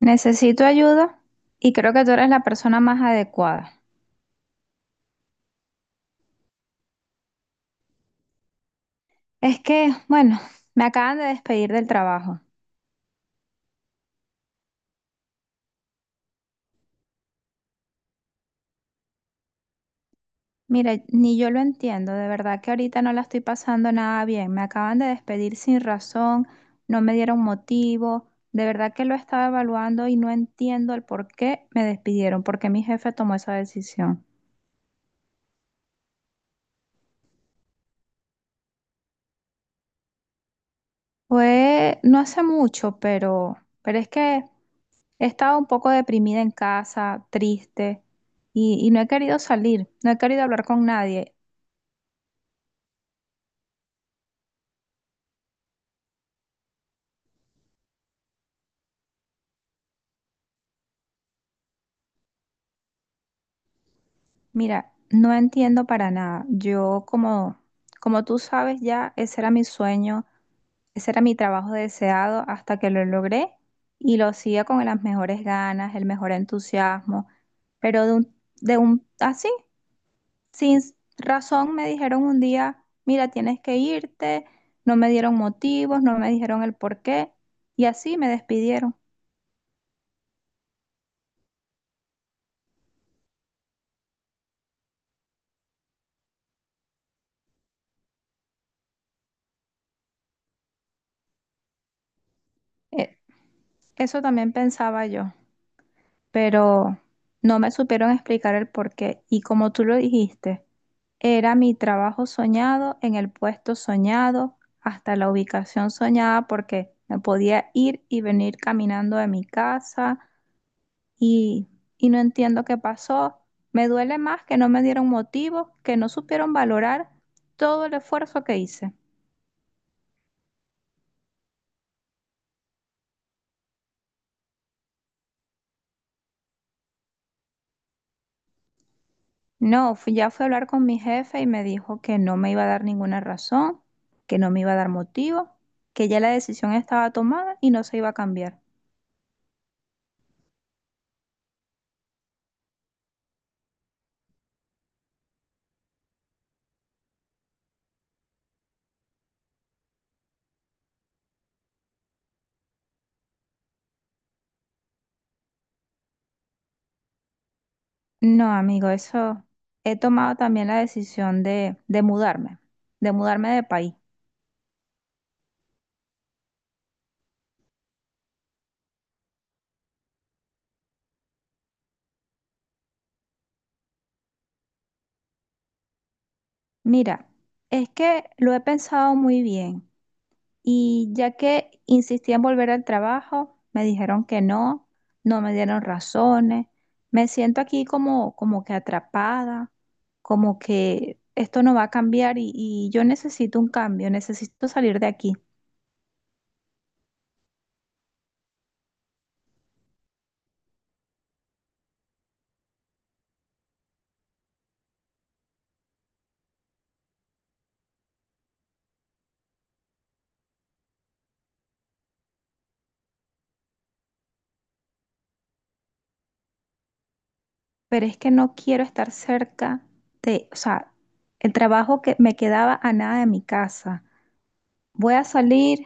Necesito ayuda y creo que tú eres la persona más adecuada. Es que, bueno, me acaban de despedir del trabajo. Mira, ni yo lo entiendo, de verdad que ahorita no la estoy pasando nada bien. Me acaban de despedir sin razón, no me dieron motivo. De verdad que lo estaba evaluando y no entiendo el por qué me despidieron, por qué mi jefe tomó esa decisión. Fue no hace mucho, pero es que he estado un poco deprimida en casa, triste, y no he querido salir, no he querido hablar con nadie. Mira, no entiendo para nada. Yo, como, como tú sabes ya, ese era mi sueño, ese era mi trabajo deseado hasta que lo logré y lo hacía con las mejores ganas, el mejor entusiasmo, pero así, sin razón me dijeron un día, mira, tienes que irte, no me dieron motivos, no me dijeron el por qué, y así me despidieron. E- Eso también pensaba yo, pero no me supieron explicar el por qué. Y como tú lo dijiste, era mi trabajo soñado, en el puesto soñado, hasta la ubicación soñada, porque me podía ir y venir caminando de mi casa y, y no entiendo qué pasó. Me duele más que no me dieron motivo, que no supieron valorar todo el esfuerzo que hice. No, ya fui a hablar con mi jefe y me dijo que no me iba a dar ninguna razón, que no me iba a dar motivo, que ya la decisión estaba tomada y no se iba a cambiar. No, amigo, eso he tomado también la decisión de mudarme, de mudarme de país. Mira, es que lo he pensado muy bien. Y ya que insistí en volver al trabajo, me dijeron que no, no me dieron razones. Me siento aquí como, como que atrapada, como que esto no va a cambiar y yo necesito un cambio, necesito salir de aquí. Pero es que no quiero estar cerca de, o sea, el trabajo que me quedaba a nada de mi casa. Voy a salir.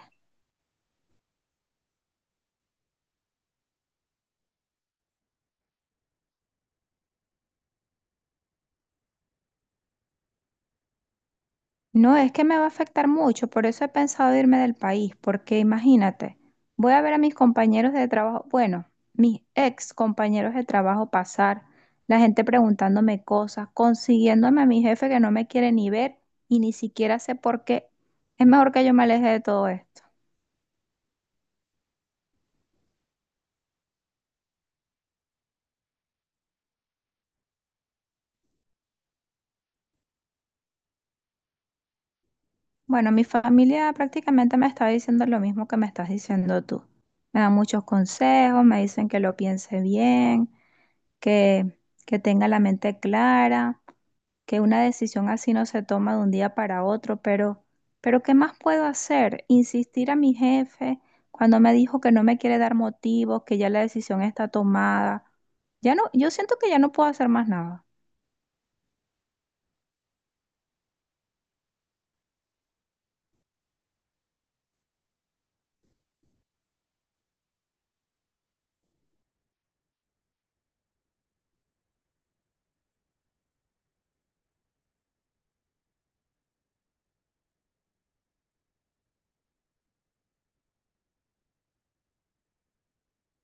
No, es que me va a afectar mucho, por eso he pensado irme del país, porque imagínate, voy a ver a mis compañeros de trabajo, bueno, mis ex compañeros de trabajo pasar, la gente preguntándome cosas, consiguiéndome a mi jefe que no me quiere ni ver y ni siquiera sé por qué. Es mejor que yo me aleje de todo esto. Bueno, mi familia prácticamente me está diciendo lo mismo que me estás diciendo tú. Me dan muchos consejos, me dicen que lo piense bien, que, que tenga la mente clara, que una decisión así no se toma de un día para otro, pero ¿qué más puedo hacer? Insistir a mi jefe cuando me dijo que no me quiere dar motivos, que ya la decisión está tomada. Ya no, yo siento que ya no puedo hacer más nada.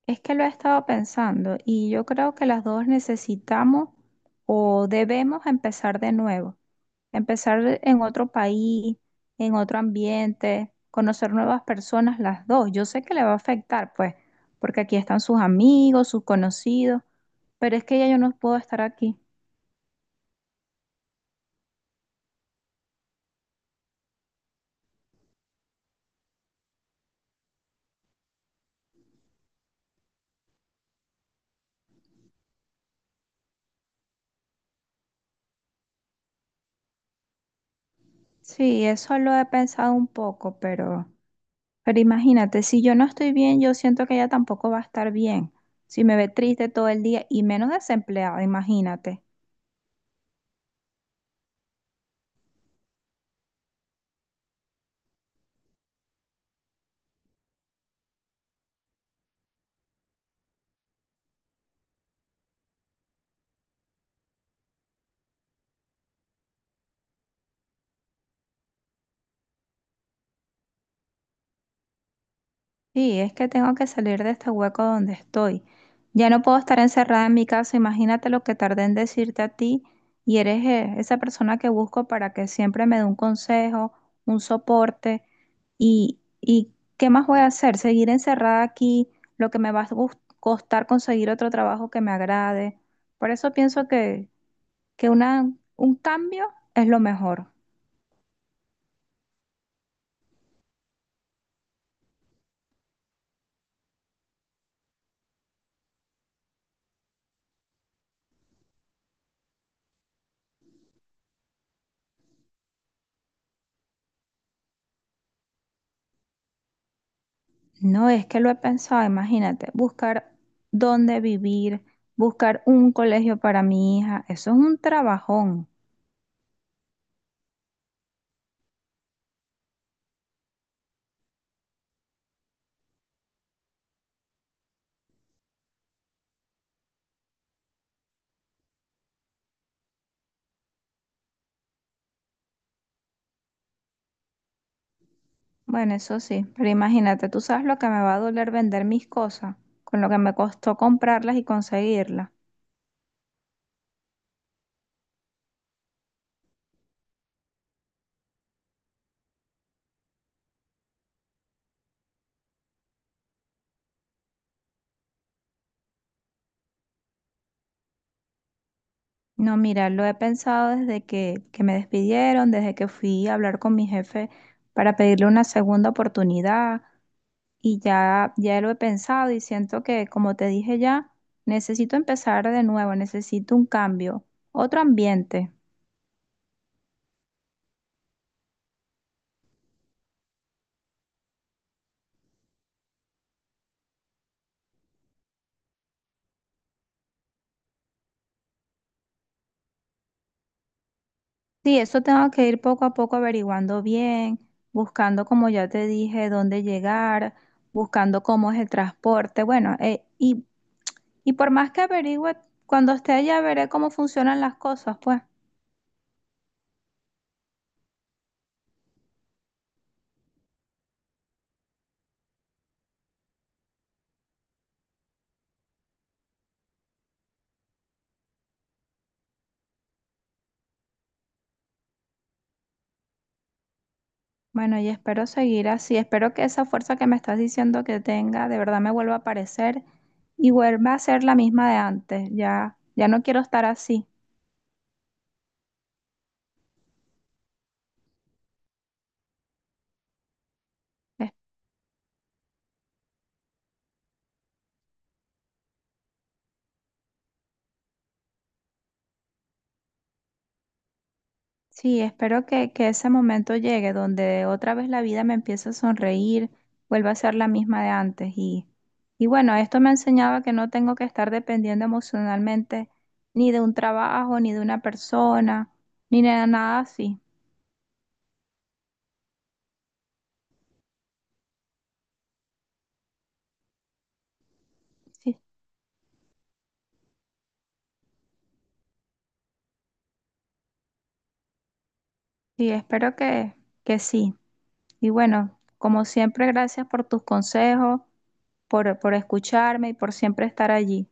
Es que lo he estado pensando y yo creo que las dos necesitamos o debemos empezar de nuevo, empezar en otro país, en otro ambiente, conocer nuevas personas las dos. Yo sé que le va a afectar, pues, porque aquí están sus amigos, sus conocidos, pero es que ya yo no puedo estar aquí. Sí, eso lo he pensado un poco, pero imagínate, si yo no estoy bien, yo siento que ella tampoco va a estar bien. Si me ve triste todo el día y menos desempleada, imagínate. Sí, es que tengo que salir de este hueco donde estoy. Ya no puedo estar encerrada en mi casa. Imagínate lo que tardé en decirte a ti y eres, esa persona que busco para que siempre me dé un consejo, un soporte. Y qué más voy a hacer? Seguir encerrada aquí, lo que me va a costar conseguir otro trabajo que me agrade. Por eso pienso que una, un cambio es lo mejor. No, es que lo he pensado, imagínate, buscar dónde vivir, buscar un colegio para mi hija, eso es un trabajón. Bueno, eso sí, pero imagínate, tú sabes lo que me va a doler vender mis cosas, con lo que me costó comprarlas y conseguirlas. No, mira, lo he pensado desde que me despidieron, desde que fui a hablar con mi jefe para pedirle una segunda oportunidad, y ya lo he pensado y siento que, como te dije ya, necesito empezar de nuevo, necesito un cambio, otro ambiente. Sí, eso tengo que ir poco a poco averiguando bien, buscando, como ya te dije, dónde llegar, buscando cómo es el transporte. Bueno, y por más que averigüe, cuando esté allá veré cómo funcionan las cosas, pues. Bueno, y espero seguir así. Espero que esa fuerza que me estás diciendo que tenga de verdad me vuelva a aparecer y vuelva a ser la misma de antes. Ya no quiero estar así. Es- Sí, espero que ese momento llegue donde otra vez la vida me empiece a sonreír, vuelva a ser la misma de antes. Y bueno, esto me enseñaba que no tengo que estar dependiendo emocionalmente ni de un trabajo, ni de una persona, ni de nada así. Sí, sí, espero que sí. Y bueno, como siempre, gracias por tus consejos, por escucharme y por siempre estar allí.